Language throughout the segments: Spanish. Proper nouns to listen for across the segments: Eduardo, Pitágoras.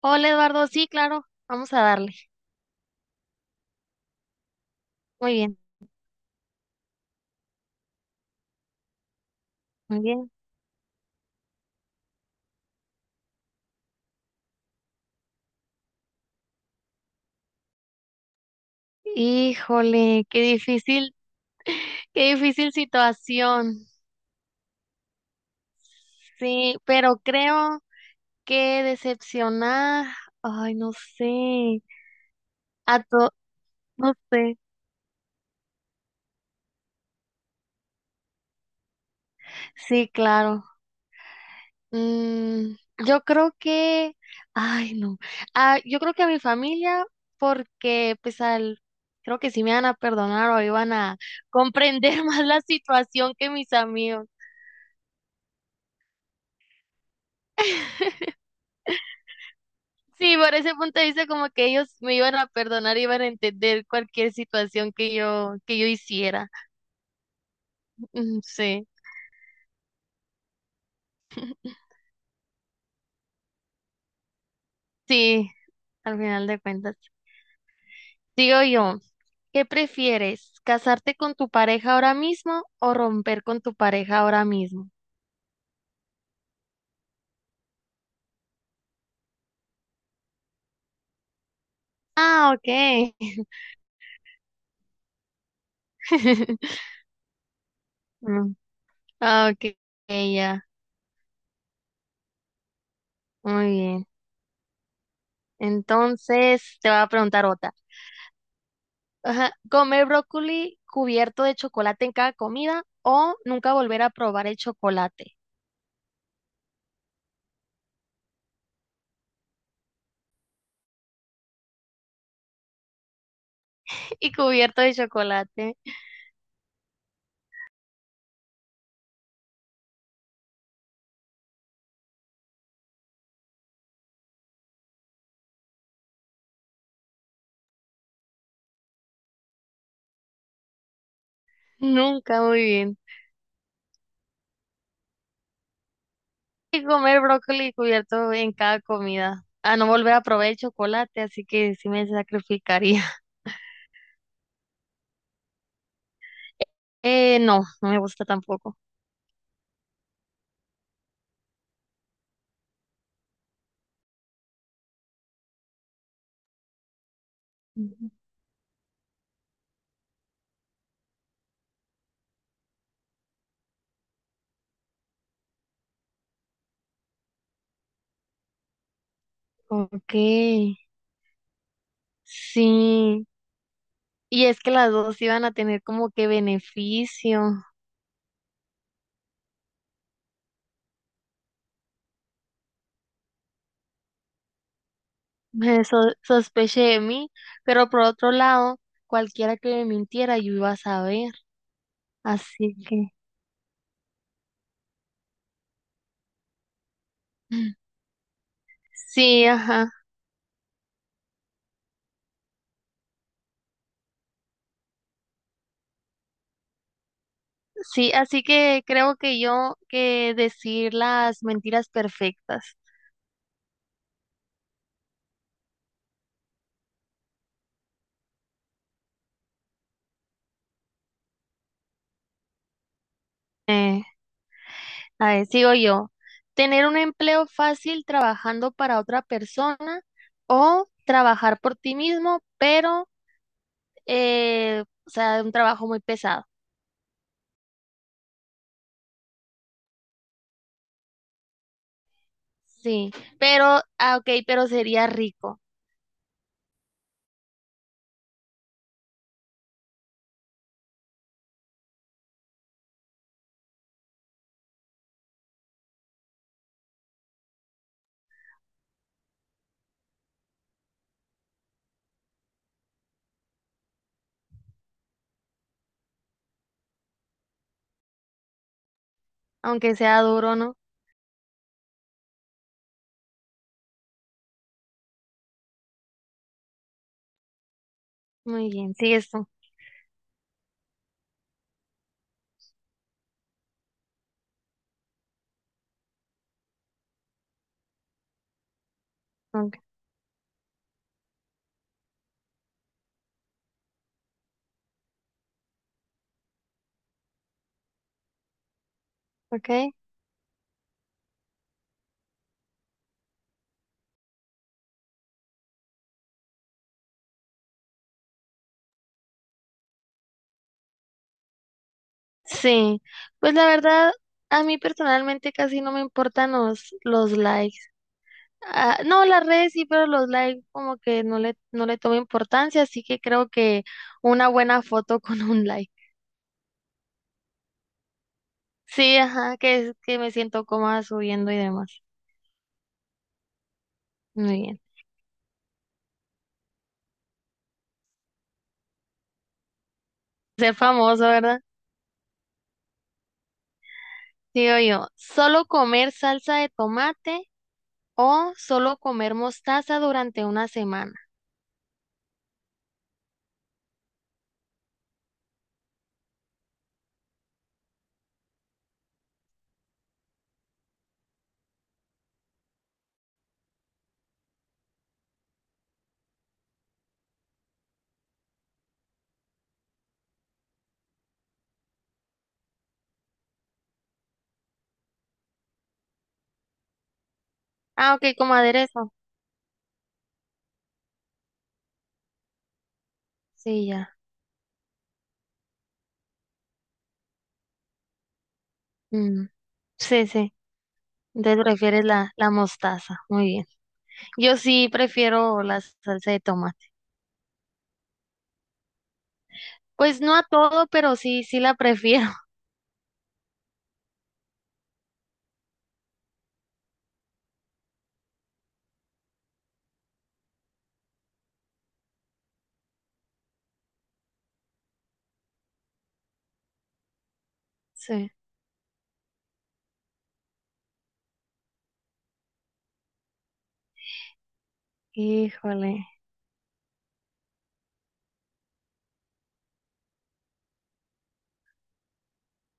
Hola Eduardo, sí, claro, vamos a darle. Muy bien, muy bien. Híjole, qué difícil situación. Sí, pero creo que decepcionar, ay, no sé, a to, no sé. Sí, claro. Mm, yo creo que, ay, no. Ah, yo creo que a mi familia, porque pues al, creo que sí me van a perdonar o iban a comprender más la situación que mis amigos. Sí, por ese punto de vista como que ellos me iban a perdonar, iban a entender cualquier situación que yo hiciera. Mm, sí, sí, al final de cuentas. Digo yo, ¿qué prefieres? ¿Casarte con tu pareja ahora mismo o romper con tu pareja ahora mismo? Ah, okay. Mm, ah, okay, ya. Muy bien. Entonces, te voy a preguntar otra. Ajá, ¿comer brócoli cubierto de chocolate en cada comida o nunca volver a probar el chocolate? Y cubierto de chocolate. Nunca, muy bien. Y comer brócoli cubierto en cada comida. A no volver a probar el chocolate, así que sí me sacrificaría. No, no me gusta tampoco. Ujú. Ok, sí. Y es que las dos iban a tener como que beneficio. Me so- sospeché de mí, pero por otro lado, cualquiera que me mintiera, yo iba a saber. Así que sí, ajá. Sí, así que creo que yo que decir las mentiras perfectas. Eh, a ver, sigo yo. Tener un empleo fácil trabajando para otra persona o trabajar por ti mismo, pero, o sea, un trabajo muy pesado. Sí, pero, ah, ok, pero sería rico, aunque sea duro, ¿no? Muy bien, sí, esto. Ok. Ok. Sí, pues la verdad, a mí personalmente casi no me importan los likes. Ah, no, las redes sí, pero los likes como que no le tomo importancia, así que creo que una buena foto con un like. Sí, ajá, que es que me siento cómoda subiendo y demás. Muy bien. Ser famoso, ¿verdad? Digo yo, ¿solo comer salsa de tomate o solo comer mostaza durante una semana? Ah, ok, como aderezo. Sí, ya. Mm, sí, sí. Entonces prefieres la, la mostaza. Muy bien. Yo sí prefiero la salsa de tomate. Pues no a todo, pero sí, sí la prefiero. Sí. Híjole.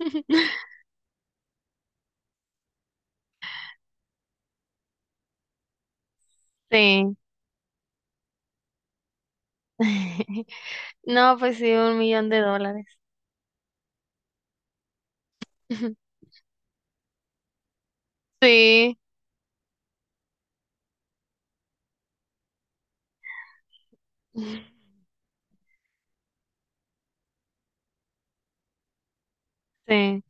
Sí. No, pues sí, 1 millón de dólares. Sí. Sí,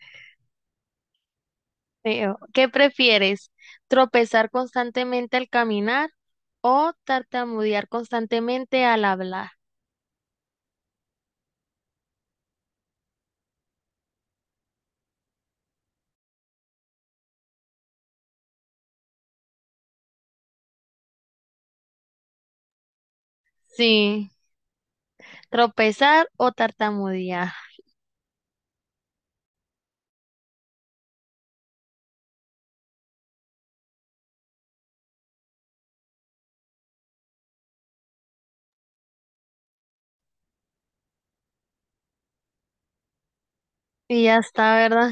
sí. O, ¿qué prefieres? ¿Tropezar constantemente al caminar o tartamudear constantemente al hablar? Sí. Tropezar o tartamudear. Y ya está, ¿verdad?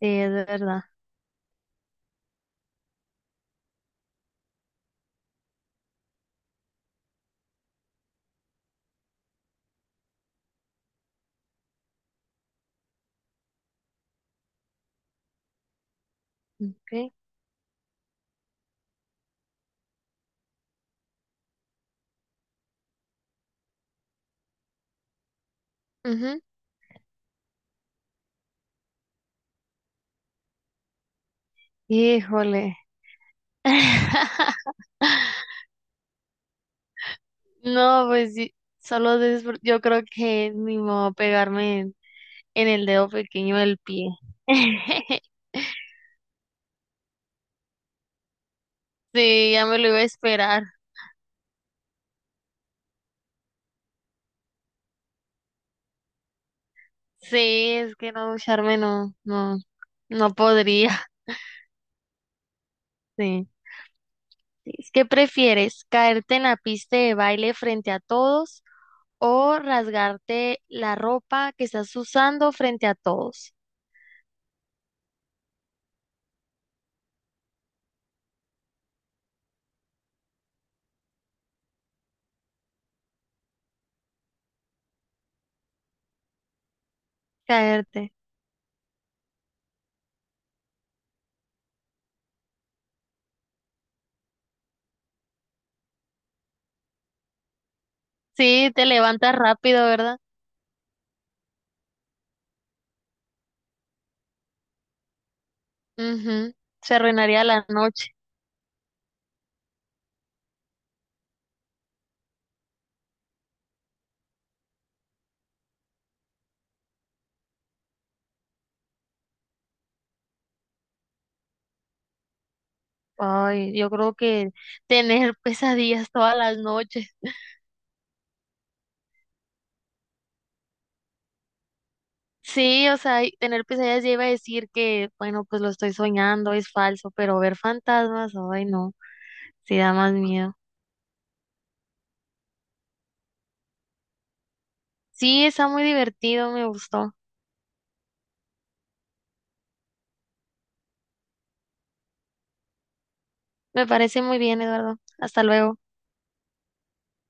Sí, es verdad. Ok. Ujú. Híjole. No, pues sí, solo disfr- yo creo que ni modo pegarme en el dedo pequeño del pie. Sí, ya me lo iba a esperar. Sí, es que no ducharme no, no, no podría. Sí. Es que prefieres caerte en la pista de baile frente a todos o rasgarte la ropa que estás usando frente a todos. Caerte. Sí, te levantas rápido, ¿verdad? Mhm. Se arruinaría la noche. Ay, yo creo que tener pesadillas todas las noches. Sí, o sea, y tener pesadillas ya iba a decir que, bueno, pues lo estoy soñando, es falso, pero ver fantasmas, ay, no, sí da más miedo. Sí, está muy divertido, me gustó. Me parece muy bien, Eduardo. Hasta luego.